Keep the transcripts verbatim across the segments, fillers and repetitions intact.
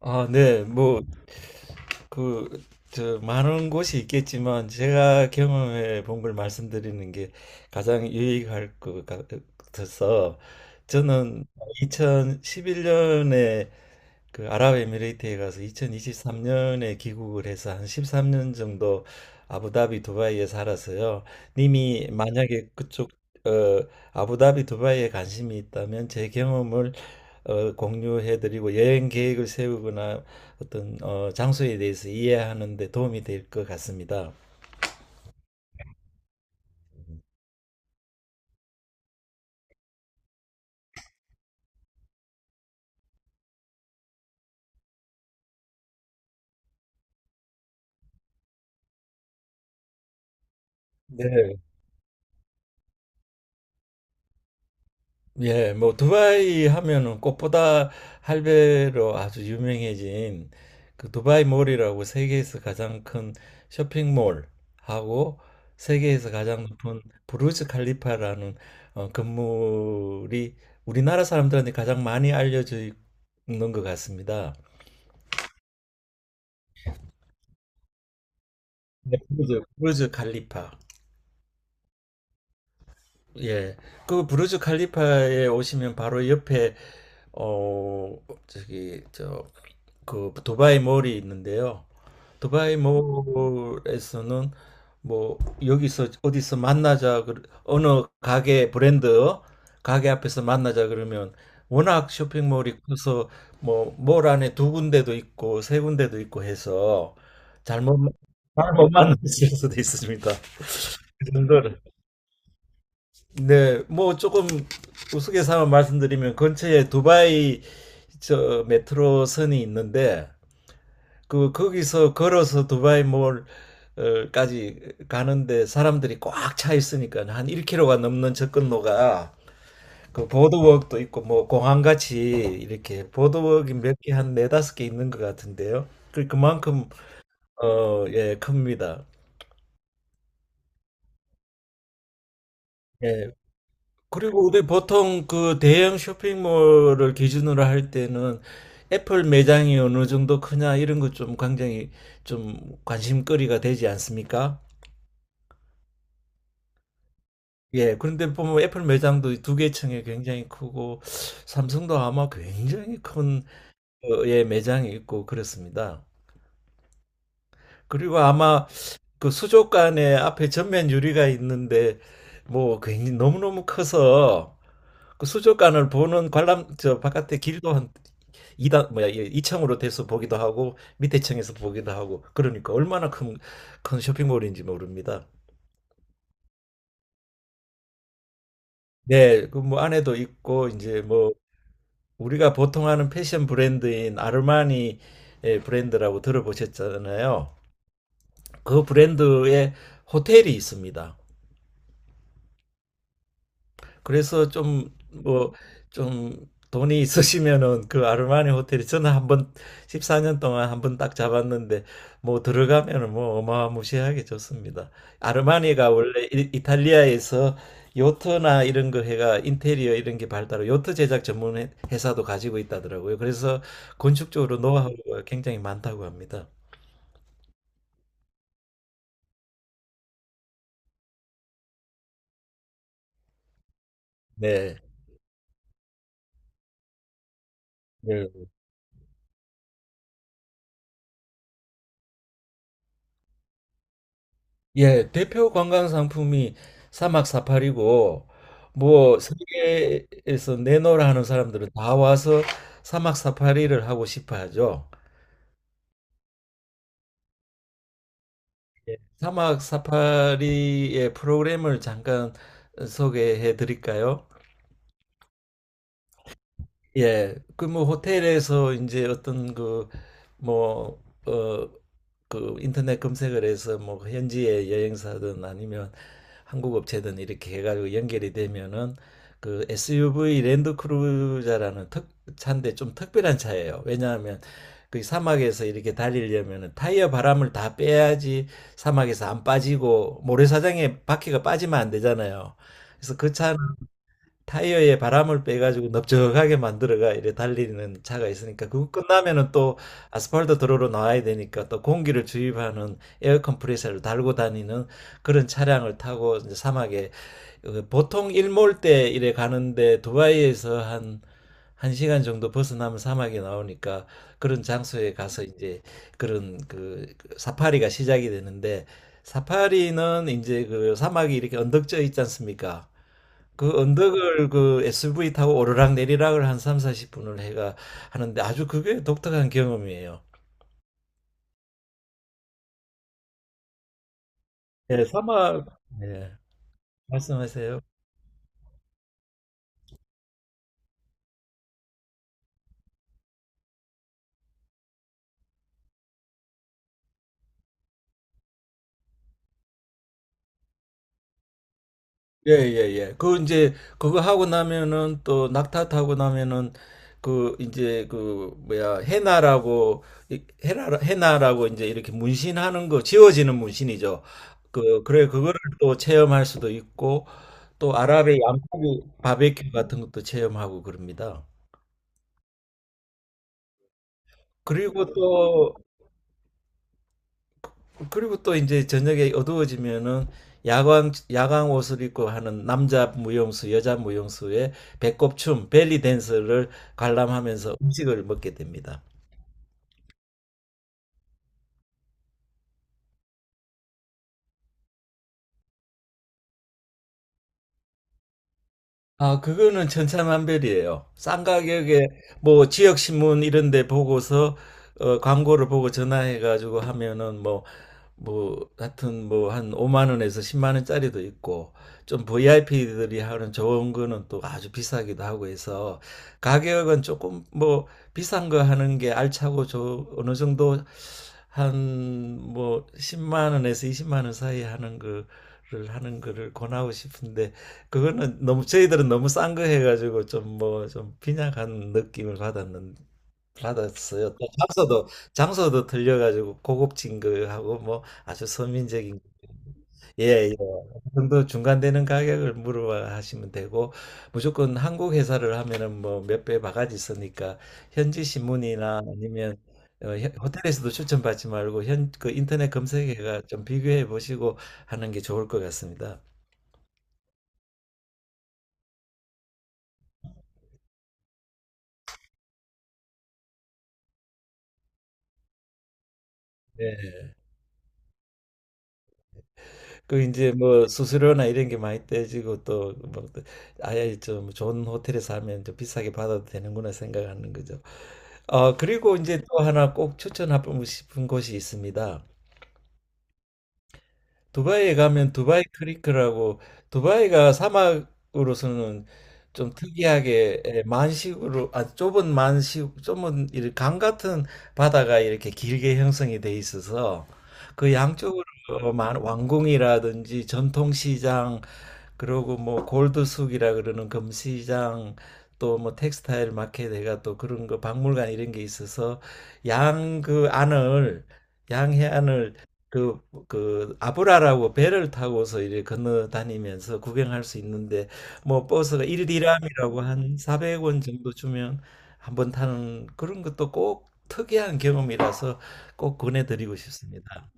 아, 네. 뭐, 그, 저, 많은 곳이 있겠지만, 제가 경험해 본 걸 말씀드리는 게 가장 유익할 것 같아서, 저는 이천십일 년에 그 아랍에미레이트에 가서 이천이십삼 년에 귀국을 해서 한 십삼 년 정도 아부다비 두바이에 살아서요. 님이 만약에 그쪽 어, 아부다비 두바이에 관심이 있다면 제 경험을 어, 공유해드리고 여행 계획을 세우거나 어떤 어, 장소에 대해서 이해하는 데 도움이 될 것 같습니다. 네. 예, 뭐 두바이 하면은 꽃보다 할배로 아주 유명해진 그 두바이 몰이라고 세계에서 가장 큰 쇼핑몰하고 세계에서 가장 높은 부르즈 칼리파라는 어, 건물이 우리나라 사람들한테 가장 많이 알려져 있는 것 같습니다. 브루 부르즈 칼리파. 예. 그 부르즈 칼리파에 오시면 바로 옆에 어 저기 저 그 두바이 몰이 있는데요. 두바이 몰에서는 뭐 여기서 어디서 만나자 그 어느 가게 브랜드 가게 앞에서 만나자 그러면 워낙 쇼핑몰이 커서 뭐 몰 안에 두 군데도 있고 세 군데도 있고 해서 잘못 잘못 만났을 수도 있습니다. 그 정도로. 네, 뭐 조금 우스갯소리 말씀드리면 근처에 두바이 저 메트로선이 있는데 그 거기서 걸어서 두바이 몰까지 가는데 사람들이 꽉 차 있으니까 한 일 킬로미터가 넘는 접근로가, 그 보드워크도 있고 뭐 공항 같이 이렇게 보드워크이 몇 개, 한 네다섯 개 있는 것 같은데요. 그 그만큼 어 예 큽니다. 예. 그리고 우리 보통 그 대형 쇼핑몰을 기준으로 할 때는 애플 매장이 어느 정도 크냐 이런 것 좀 굉장히, 좀 관심거리가 되지 않습니까? 예, 그런데 보면 애플 매장도 두 개 층에 굉장히 크고, 삼성도 아마 굉장히 큰 어, 예, 매장이 있고 그렇습니다. 그리고 아마 그 수족관에 앞에 전면 유리가 있는데 뭐 굉장히 너무너무 커서 그 수족관을 보는 관람, 저 바깥에 길도 한 이 단, 뭐야, 예, 층으로 돼서 보기도 하고 밑에 층에서 보기도 하고, 그러니까 얼마나 큰 큰 쇼핑몰인지 모릅니다. 네, 그 뭐 안에도 있고, 이제 뭐 우리가 보통 하는 패션 브랜드인 아르마니, 브랜드라고 들어보셨잖아요. 그 브랜드의 호텔이 있습니다. 그래서 좀 뭐, 좀 돈이 있으시면은 그 아르마니 호텔이, 저는 한번 십사 년 동안 한번 딱 잡았는데, 뭐 들어가면은 뭐 어마무시하게 좋습니다. 아르마니가 원래 이- 이탈리아에서 요트나 이런 거 해가 인테리어 이런 게 발달하고, 요트 제작 전문 회- 회사도 가지고 있다더라고요. 그래서 건축적으로 노하우가 굉장히 많다고 합니다. 네. 네. 예, 대표 관광 상품이 사막 사파리고, 뭐 세계에서 내노라 하는 사람들은 다 와서 사막 사파리를 하고 싶어 하죠. 예, 사막 사파리의 프로그램을 잠깐 소개해 드릴까요? 예, 그 뭐 호텔에서 이제 어떤 그뭐어그 인터넷 검색을 해서 뭐 현지의 여행사든, 아니면 한국 업체든 이렇게 해가지고 연결이 되면은, 그 에스유브이 랜드크루저라는 특 차인데, 좀 특별한 차예요. 왜냐하면 그 사막에서 이렇게 달리려면은 타이어 바람을 다 빼야지, 사막에서 안 빠지고, 모래사장에 바퀴가 빠지면 안 되잖아요. 그래서 그 차는 타이어에 바람을 빼가지고 넓적하게 만들어가 이래 달리는 차가 있으니까, 그거 끝나면은 또 아스팔트 도로로 나와야 되니까 또 공기를 주입하는 에어 컴프레서를 달고 다니는 그런 차량을 타고 이제 사막에, 어, 보통 일몰 때 이래 가는데, 두바이에서 한 한 시간 정도 벗어나면 사막이 나오니까, 그런 장소에 가서 이제 그런 그 그 사파리가 시작이 되는데, 사파리는 이제 그 사막이 이렇게 언덕져 있지 않습니까? 그 언덕을 그 에스유브이 타고 오르락 내리락을 한 삼, 사십 분을 해가 하는데, 아주 그게 독특한 경험이에요. 예, 사막. 예, 말씀하세요. 예, 예, 예. 그 이제 그거 하고 나면은 또 낙타 타고 나면은, 그 이제 그 뭐야, 해나라고, 이- 해나, 해나라고 이제 이렇게 문신하는 거, 지워지는 문신이죠. 그 그래 그거를 또 체험할 수도 있고, 또 아랍의 양고기 바베큐 같은 것도 체험하고 그럽니다. 그리고 또 그리고 또 이제 저녁에 어두워지면은, 야광, 야광 옷을 입고 하는 남자 무용수, 여자 무용수의 배꼽춤, 벨리 댄스를 관람하면서 음식을 먹게 됩니다. 아, 그거는 천차만별이에요. 싼 가격에 뭐 지역 신문 이런 데 보고서 어, 광고를 보고 전화해 가지고 하면은 뭐 뭐 하여튼 뭐 한 오만 원에서 십만 원짜리도 있고, 좀 브이아이피들이 하는 좋은 거는 또 아주 비싸기도 하고 해서, 가격은 조금 뭐 비싼 거 하는 게 알차고, 저 어느 정도 한 뭐 십만 원에서 이십만 원 사이 하는 거를 하는 거를 권하고 싶은데, 그거는 너무, 저희들은 너무 싼 거 해가지고 좀 뭐, 좀 빈약한 느낌을 받았는 받았어요. 또 장소도 장소도 틀려가지고 고급진 거하고 뭐 아주 서민적인, 예예, 그 정도 중간되는 가격을 물어봐 하시면 되고, 무조건 한국 회사를 하면은 뭐 몇 배 바가지 있으니까 현지 신문이나, 아니면 어, 혀- 호텔에서도 추천받지 말고 현 그 인터넷 검색해가 좀 비교해 보시고 하는 게 좋을 것 같습니다. 네. 그 이제 뭐 수수료나 이런 게 많이 떼지고 또뭐 아예 좀 좋은 호텔에서 하면 좀 비싸게 받아도 되는구나 생각하는 거죠. 어, 그리고 이제 또 하나 꼭 추천하고 싶은 곳이 있습니다. 두바이에 가면 두바이 크리크라고, 두바이가 사막으로서는 좀 특이하게 에, 만식으로, 아 좁은 만식, 좁은 이강 같은 바다가 이렇게 길게 형성이 돼 있어서, 그 양쪽으로 어, 만- 왕궁이라든지, 전통시장, 그리고 뭐 골드숙이라 그러는 금시장, 또 뭐 텍스타일 마켓에가, 또 그런 거 박물관 이런 게 있어서, 양 그 안을 양해안을 그 그 아브라라고 배를 타고서 이렇게 건너 다니면서 구경할 수 있는데, 뭐 버스가 일디람이라고 한 사백 원 정도 주면 한번 타는, 그런 것도 꼭 특이한 경험이라서 꼭 권해드리고 싶습니다.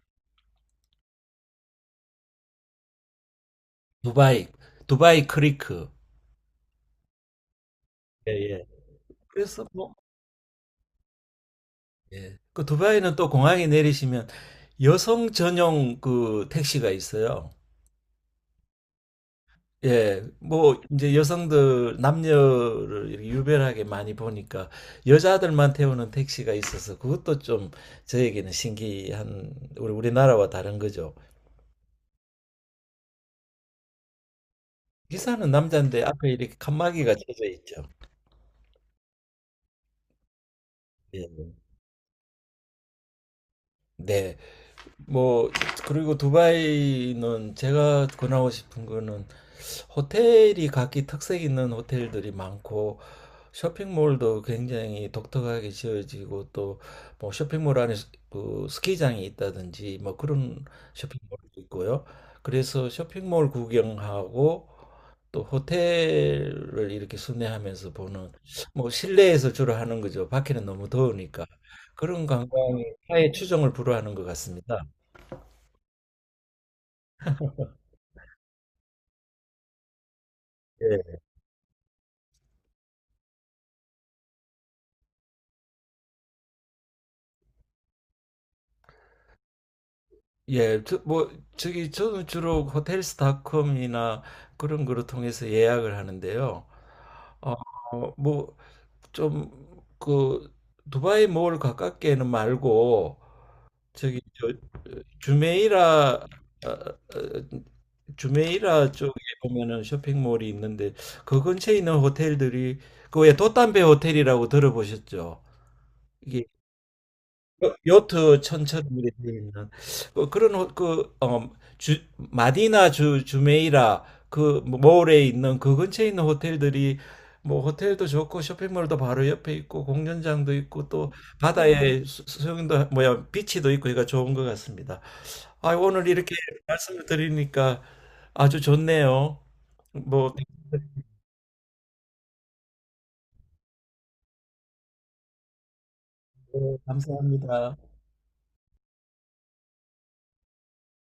두바이, 두바이 크리크. 예, 예. 그래서 뭐, 예. 그 두바이는 또 공항에 내리시면 여성 전용 그 택시가 있어요. 예, 뭐 이제 여성들, 남녀를 이렇게 유별하게 많이 보니까 여자들만 태우는 택시가 있어서, 그것도 좀 저에게는 신기한, 우리 우리나라와 다른 거죠. 기사는 남자인데 앞에 이렇게 칸막이가 쳐져 있죠. 예. 네, 뭐 그리고 두바이는 제가 권하고 싶은 거는, 호텔이 각기 특색 있는 호텔들이 많고, 쇼핑몰도 굉장히 독특하게 지어지고, 또 뭐 쇼핑몰 안에 스- 그 스키장이 있다든지 뭐 그런 쇼핑몰도 있고요. 그래서 쇼핑몰 구경하고, 또 호텔을 이렇게 순회하면서 보는, 뭐 실내에서 주로 하는 거죠. 밖에는 너무 더우니까. 그런 관광이 타의 추종을 불허하는 것 같습니다. 예. 예, 저, 뭐, 저기, 저는 주로 호텔스닷컴이나 그런 거를 통해서 예약을 하는데요. 어, 뭐, 좀, 그, 두바이 몰 가깝게는 말고, 저기, 저, 주메이라, 어, 어, 주메이라 쪽에 보면은 쇼핑몰이 있는데, 그 근처에 있는 호텔들이, 그왜 돛담배 호텔이라고 들어보셨죠? 요- 요트 천처럼 이렇게 되어 있는 어, 그런 호- 그 어, 주, 마디나 주 주메이라 그 몰에 있는 그 근처에 있는 호텔들이 뭐 호텔도 좋고, 쇼핑몰도 바로 옆에 있고, 공연장도 있고, 또 바다에 수- 수영도 뭐야, 비치도 있고 그러니까 좋은 것 같습니다. 아, 오늘 이렇게 말씀을 드리니까 아주 좋네요. 뭐, 네, 감사합니다.